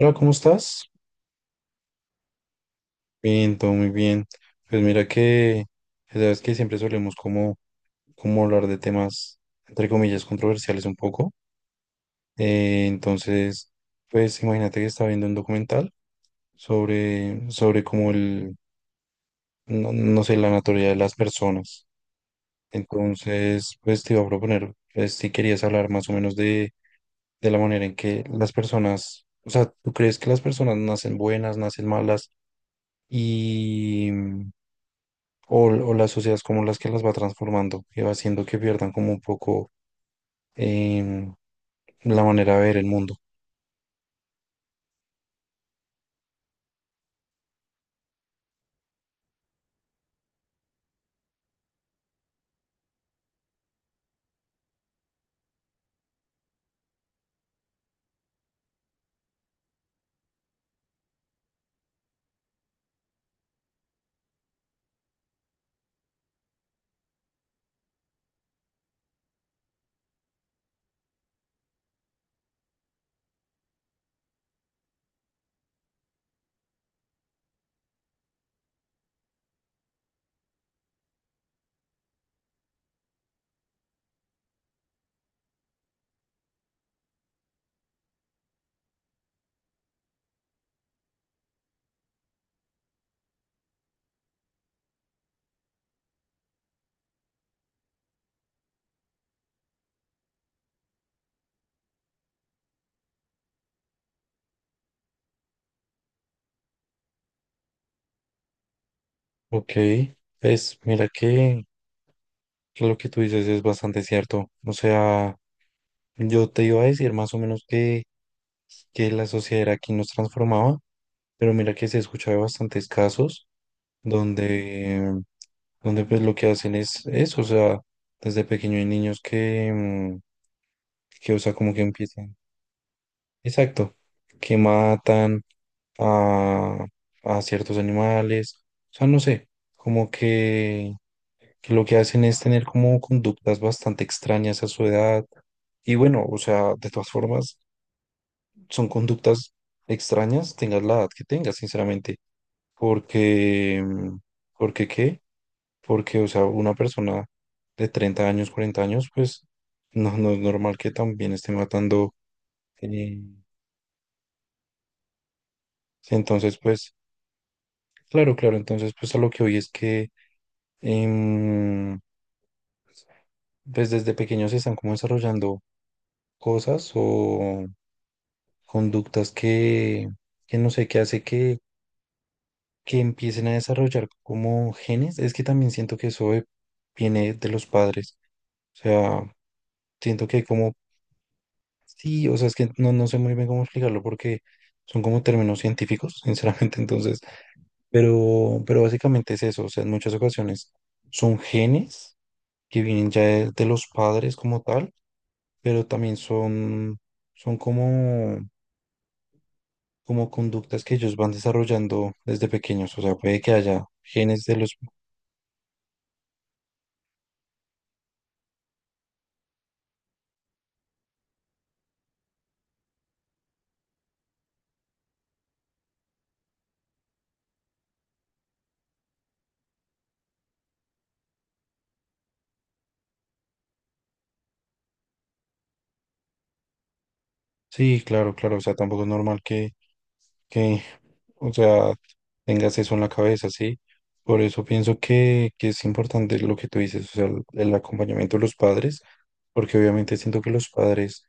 Hola, ¿cómo estás? Bien, todo muy bien. Pues mira que, pues, ya sabes que siempre solemos como hablar de temas, entre comillas, controversiales un poco. Entonces, pues imagínate que estaba viendo un documental sobre no, no sé, la naturaleza de las personas. Entonces, pues te iba a proponer, pues si querías hablar más o menos de la manera en que las personas, o sea, ¿tú crees que las personas nacen buenas, nacen malas? Y o las sociedades como las que las va transformando y va haciendo que pierdan como un poco em, la manera de ver el mundo. Ok, pues mira que lo que tú dices es bastante cierto. O sea, yo te iba a decir más o menos que la sociedad era quien nos transformaba, pero mira que se escucha de bastantes casos donde, donde pues lo que hacen es eso, o sea, desde pequeño hay niños que, o sea, como que empiezan. Exacto, que matan a, a ciertos animales. O sea, no sé, como que lo que hacen es tener como conductas bastante extrañas a su edad. Y bueno, o sea, de todas formas, son conductas extrañas, tengas la edad que tengas, sinceramente. Porque, mm, ¿Porque qué? Porque, o sea, una persona de 30 años, 40 años, pues no es normal que también esté matando. eh, entonces, pues, claro, claro, entonces, pues a lo que hoy es que em, pues desde pequeños se están como desarrollando cosas o conductas que no sé, qué hace que empiecen a desarrollar como genes. Es que también siento que eso viene de los padres. O sea, siento que como, sí, o sea, es que no sé muy bien cómo explicarlo porque son como términos científicos, sinceramente, entonces, pero básicamente es eso, o sea, en muchas ocasiones son genes que vienen ya de los padres como tal, pero también son como conductas que ellos van desarrollando desde pequeños. O sea, puede que haya genes de los... Sí, claro, claro. O sea, tampoco es normal que o sea, tengas eso en la cabeza, ¿sí? Por eso pienso que es importante lo que tú dices, o sea, el acompañamiento de los padres, porque obviamente siento que los padres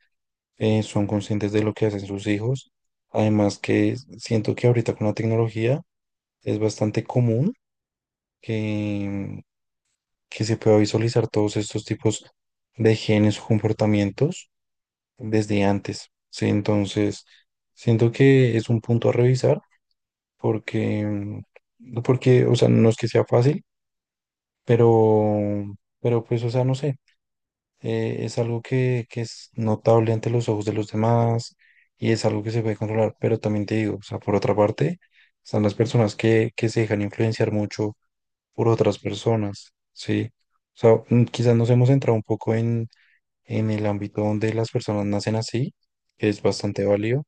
son conscientes de lo que hacen sus hijos. Además que siento que ahorita con la tecnología es bastante común que, que se pueda visualizar todos estos tipos de genes o comportamientos desde antes, ¿sí? Entonces, siento que es un punto a revisar porque, mm, porque, o sea, no es que sea fácil, pero, pero pues, o sea, no sé, es algo que es notable ante los ojos de los demás, y es algo que se puede controlar, pero también te digo, o sea, por otra parte, están las personas que se dejan influenciar mucho por otras personas, ¿sí? O sea, quizás nos hemos entrado un poco en el ámbito donde las personas nacen así, que es bastante válido.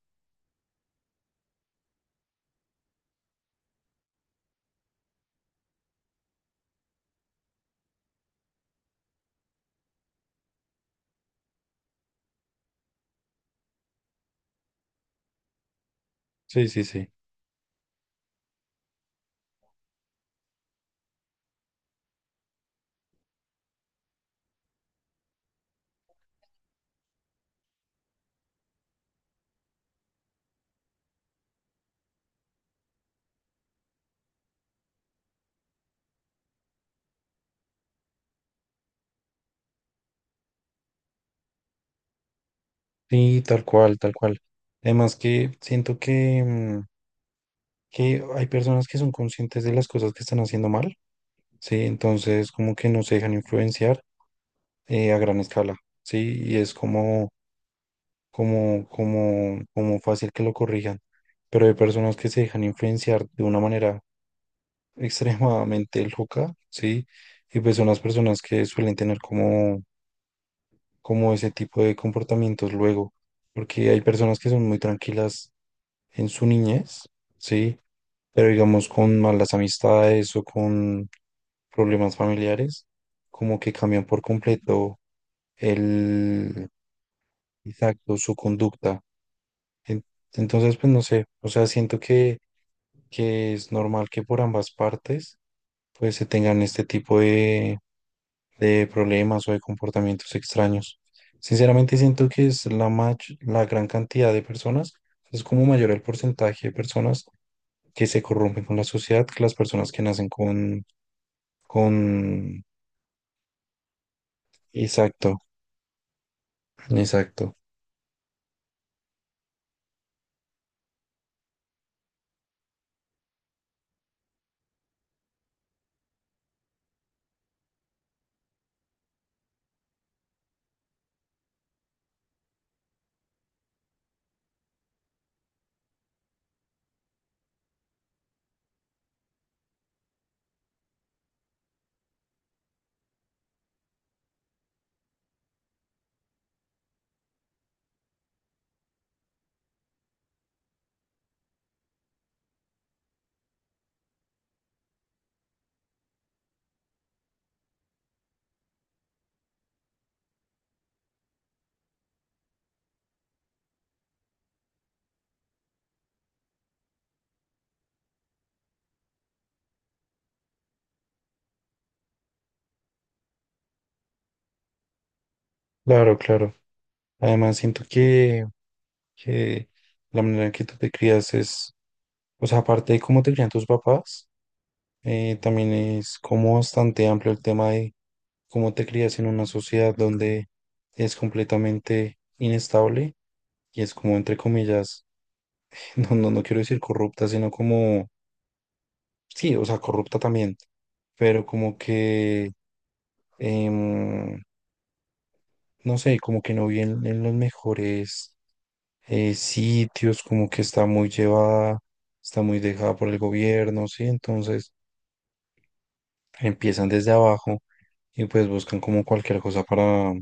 Sí, sí, sí. Sí, tal cual, tal cual. Además que siento que hay personas que son conscientes de las cosas que están haciendo mal, ¿sí? Entonces, como que no se dejan influenciar a gran escala, ¿sí? Y es como, como fácil que lo corrijan. Pero hay personas que se dejan influenciar de una manera extremadamente loca, ¿sí? Y pues son las personas que suelen tener como ese tipo de comportamientos luego, porque hay personas que son muy tranquilas en su niñez, ¿sí? Pero digamos con malas amistades o con problemas familiares, como que cambian por completo el, exacto, su conducta. En- Entonces, pues no sé, o sea, siento que es normal que por ambas partes, pues se tengan este tipo de problemas o de comportamientos extraños. Sinceramente siento que es la gran cantidad de personas, es como mayor el porcentaje de personas que se corrompen con la sociedad que las personas que nacen con... Exacto, exacto. Claro, claro. Además siento que la manera en que tú te crías es, o sea, aparte de cómo te crían tus papás, también es como bastante amplio el tema de cómo te crías en una sociedad donde es completamente inestable y es como, entre comillas, no quiero decir corrupta, sino como, sí, o sea, corrupta también, pero como que, em, no sé, como que no viene en los mejores sitios, como que está muy llevada, está muy dejada por el gobierno, ¿sí? Entonces empiezan desde abajo y pues buscan como cualquier cosa para,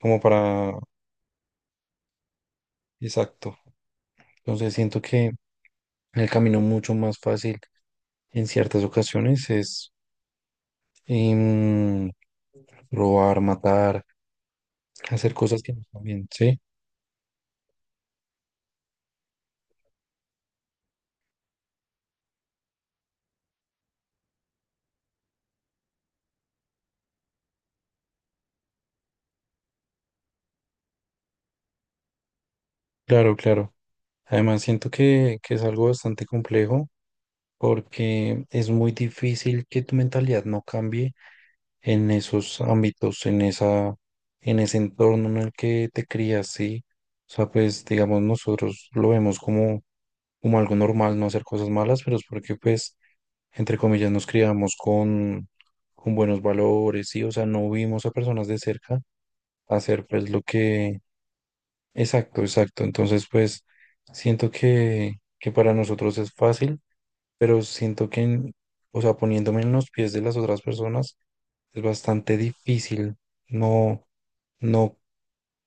como para, exacto. Entonces siento que el camino mucho más fácil en ciertas ocasiones es em, robar, matar, hacer cosas que no están bien, ¿sí? Claro, claro. Además, siento que es algo bastante complejo porque es muy difícil que tu mentalidad no cambie en esos ámbitos, en ese entorno en el que te crías, ¿sí? O sea, pues, digamos, nosotros lo vemos como algo normal no hacer cosas malas, pero es porque, pues, entre comillas, nos criamos con buenos valores, ¿sí? O sea, no vimos a personas de cerca hacer pues lo que... Exacto, exacto. Entonces, pues siento que para nosotros es fácil, pero siento o sea, poniéndome en los pies de las otras personas, es bastante difícil. No, no,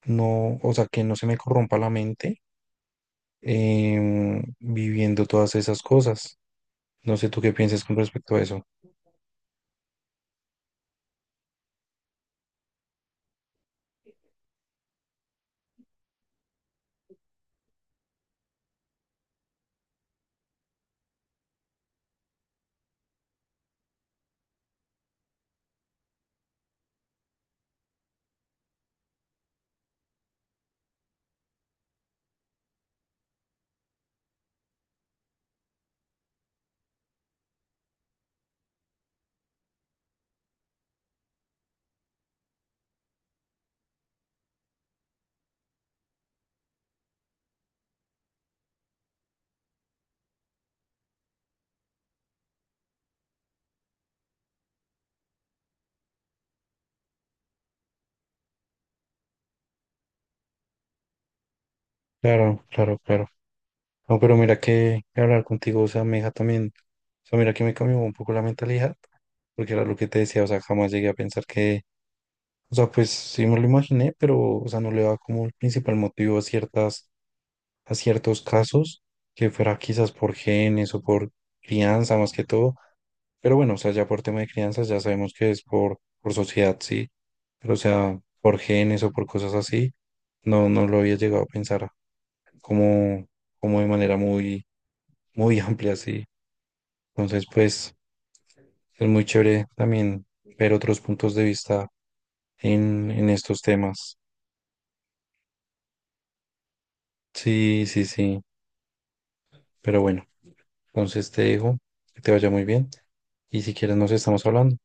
no, o sea, que no se me corrompa la mente viviendo todas esas cosas. No sé tú qué piensas con respecto a eso. Claro, claro, claro. No, pero mira que hablar contigo, o sea, me deja también, o sea, mira que me cambió un poco la mentalidad, porque era lo que te decía, o sea, jamás llegué a pensar que, o sea, pues sí me lo imaginé, pero, o sea, no le daba como el principal motivo a ciertas, a ciertos casos, que fuera quizás por genes o por crianza más que todo, pero bueno, o sea, ya por tema de crianza ya sabemos que es por sociedad, sí, pero o sea, por genes o por cosas así, no lo había llegado a pensar como, como de manera muy, muy amplia, sí. Entonces, pues es muy chévere también ver otros puntos de vista en estos temas. Sí, sí, sí. Pero bueno, entonces te dejo, que te vaya muy bien y si quieres nos estamos hablando.